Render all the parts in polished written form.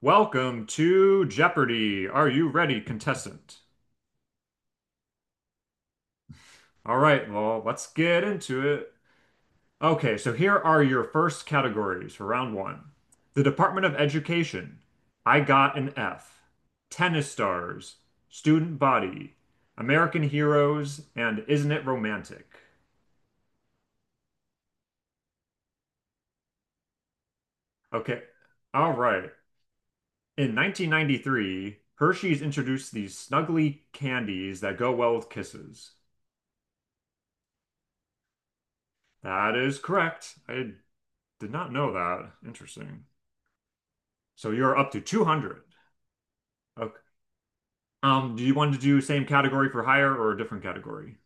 Welcome to Jeopardy! Are you ready, contestant? All right, well, let's get into it. Okay, so here are your first categories for round one. The Department of Education. I got an F. Tennis stars. Student body. American heroes. And Isn't It Romantic? Okay, all right. In 1993, Hershey's introduced these snuggly candies that go well with kisses. That is correct. I did not know that. Interesting. So you're up to 200. Okay. Do you want to do same category for higher or a different category?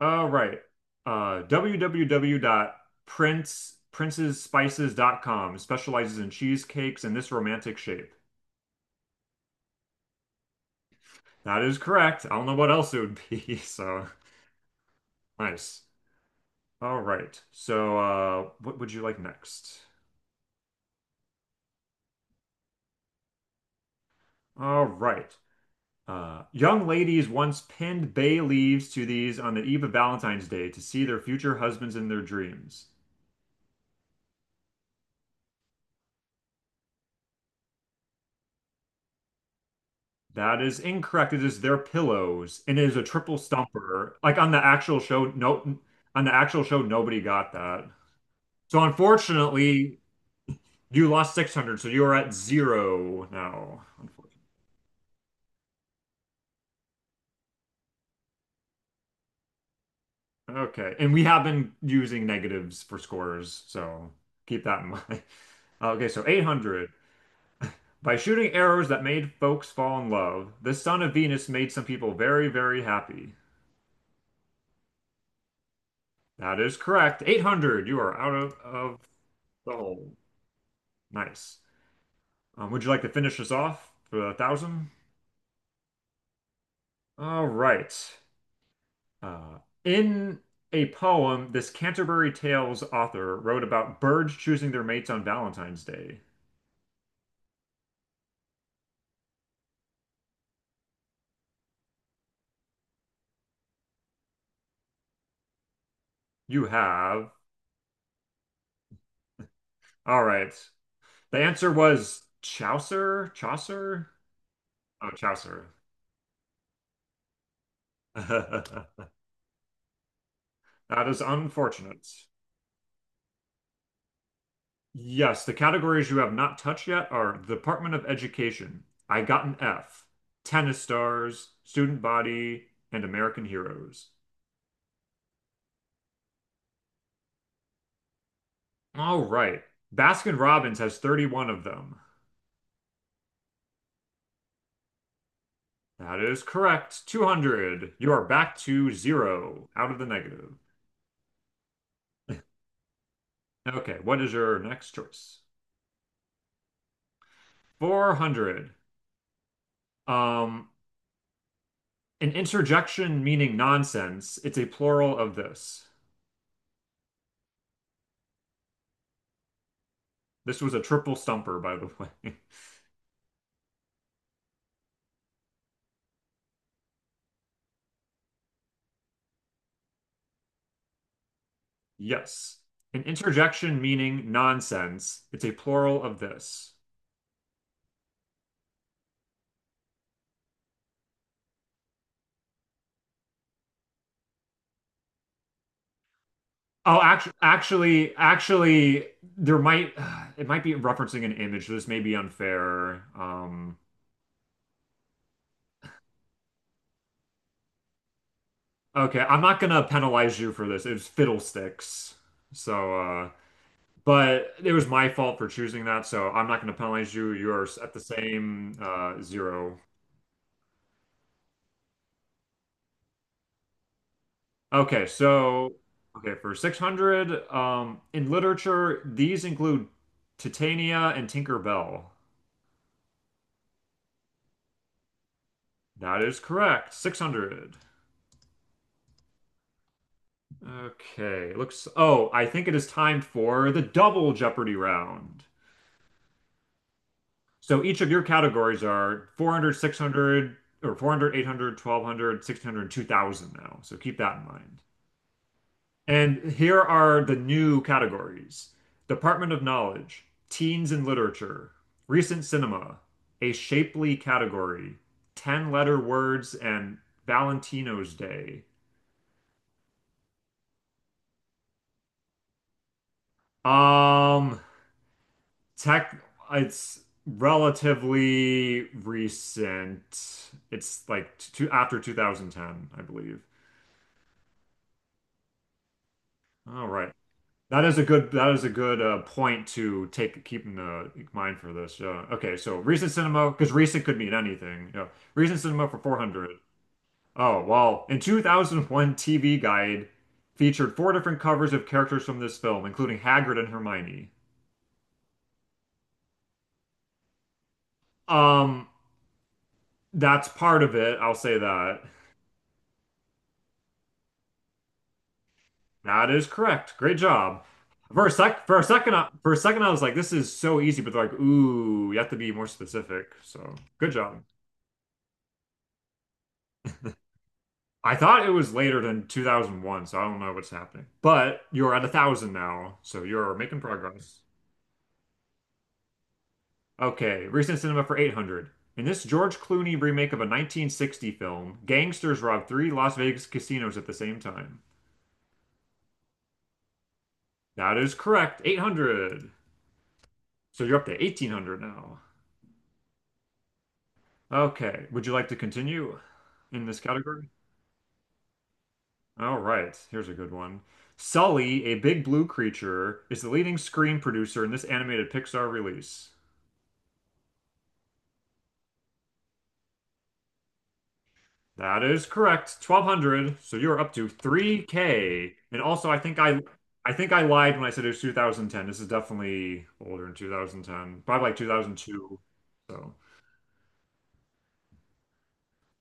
Right. Www.princesspices.com specializes in cheesecakes in this romantic shape. That is correct. I don't know what else it would be. So nice. All right. So, what would you like next? All right. Young ladies once pinned bay leaves to these on the eve of Valentine's Day to see their future husbands in their dreams. That is incorrect. It is their pillows, and it is a triple stumper. Like on the actual show, no, on the actual show, nobody got that. So unfortunately, you lost 600, so you're at zero now, unfortunately. Okay, and we have been using negatives for scores, so keep that in mind. Okay, so 800. By shooting arrows that made folks fall in love, the son of Venus made some people very, very happy. That is correct. 800. You are out of the hole. Nice. Would you like to finish this off for a thousand? All right. Uh, in a poem, this Canterbury Tales author wrote about birds choosing their mates on Valentine's Day. You have. All right. The answer was Chaucer? Chaucer? Oh, Chaucer. That is unfortunate. Yes, the categories you have not touched yet are Department of Education, I Got an F, Tennis Stars, Student Body, and American Heroes. All right. Baskin-Robbins has 31 of them. That is correct. 200. You are back to zero, out of the negative. Okay, what is your next choice? 400. Um, an interjection meaning nonsense. It's a plural of this. This was a triple stumper, by the way. Yes. An interjection meaning nonsense. It's a plural of this. Oh, actually, there might it might be referencing an image. This may be unfair. Okay, I'm not gonna penalize you for this. It was fiddlesticks. So, but it was my fault for choosing that. So I'm not gonna penalize you. You are at the same zero. Okay, so okay, for 600, in literature, these include Titania and Tinker Bell. That is correct. 600. Okay, I think it is time for the double Jeopardy round. So each of your categories are 400, 600, or 400, now. So keep that in mind. And here are the new categories: Department of Knowledge, Teens and Literature, Recent Cinema, A Shapely Category, 10 Letter Words, and Valentino's Day. Um, tech, it's relatively recent. It's like after 2010, I believe. All right. That is a good point to take keep in the mind for this. Okay, so recent cinema because recent could mean anything. Yeah, recent cinema for 400. Oh, well, in 2001 TV Guide featured four different covers of characters from this film, including Hagrid and Hermione. Um, that's part of it. I'll say that. That is correct. Great job. For a second, I was like, this is so easy, but they're like, ooh, you have to be more specific. So, good job. I thought it was later than 2001, so I don't know what's happening. But you're at 1,000 now, so you're making progress. Okay, recent cinema for 800. In this George Clooney remake of a 1960 film, gangsters rob three Las Vegas casinos at the same time. That is correct, 800. So you're up to 1,800 now. Okay, would you like to continue in this category? All right, here's a good one. Sully, a big blue creature, is the leading screen producer in this animated Pixar release. That is correct. 1,200. So you're up to 3K. And also I think I lied when I said it was 2010. This is definitely older than 2010. Probably like 2002. So,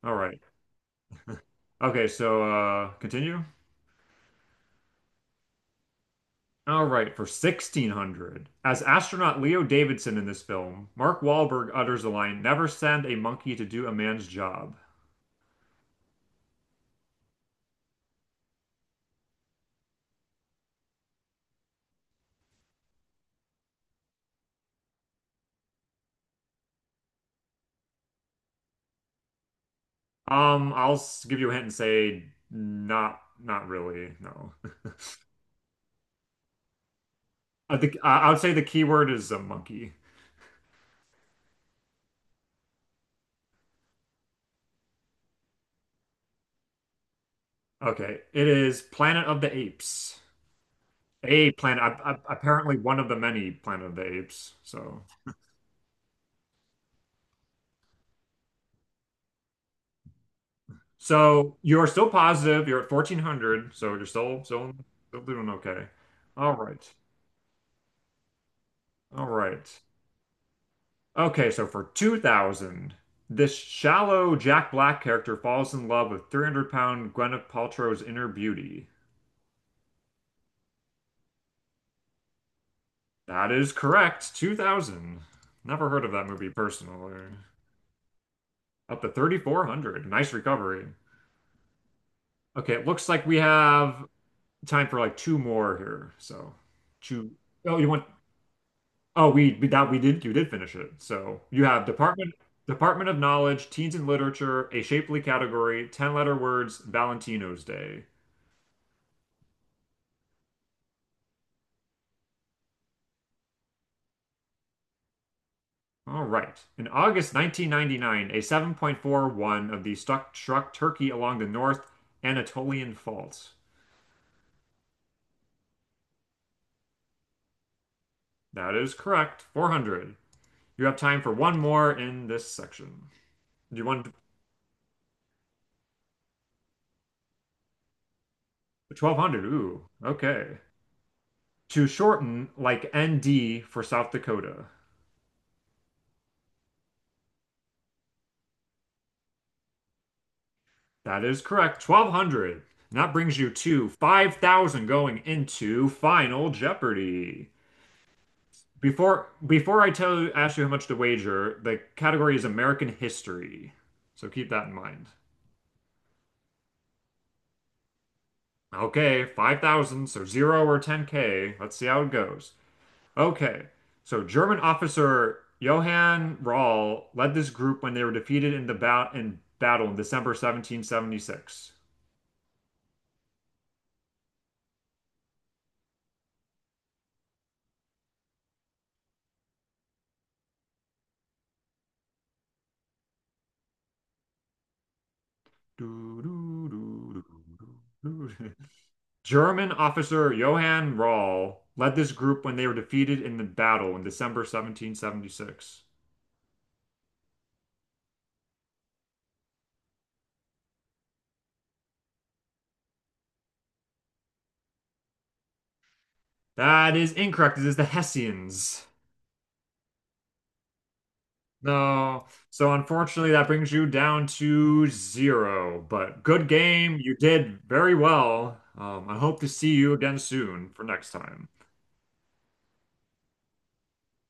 all right. Okay, so continue. All right, for 1,600. As astronaut Leo Davidson in this film, Mark Wahlberg utters the line, "Never send a monkey to do a man's job." Give you a hint and say not really. No. I think I would say the key word is a monkey. Okay, it is Planet of the Apes. A planet, a- apparently one of the many Planet of the Apes. so, you're still positive. You're at 1,400, so you're still doing okay. All right. All right. Okay, so for 2000, this shallow Jack Black character falls in love with 300-pound Gwyneth Paltrow's inner beauty. That is correct. 2000. Never heard of that movie personally. Up to 3,400. Nice recovery. Okay, it looks like we have time for like two more here. So, two. Oh, you want oh we that we did you did finish it. So you have Department of Knowledge, Teens and Literature, a shapely category, 10 letter words, Valentino's Day. All right. In August 1999, a 7.41 of the stuck struck Turkey along the North Anatolian Fault. That is correct. 400. You have time for one more in this section. Do you want 1,200? Ooh, okay. To shorten, like ND for South Dakota. That is correct. 1,200. And that brings you to 5,000 going into Final Jeopardy. Before I ask you how much to wager, the category is American history. So keep that in mind. Okay, 5,000, so 0 or 10K. Let's see how it goes. Okay. So German officer Johann Rall led this group when they were defeated in battle in December 1776. Do, do, do, do, do, German officer Johann Rall led this group when they were defeated in the battle in December 1776. That is incorrect. It is the Hessians. No. So, unfortunately, that brings you down to zero. But good game. You did very well. I hope to see you again soon for next time.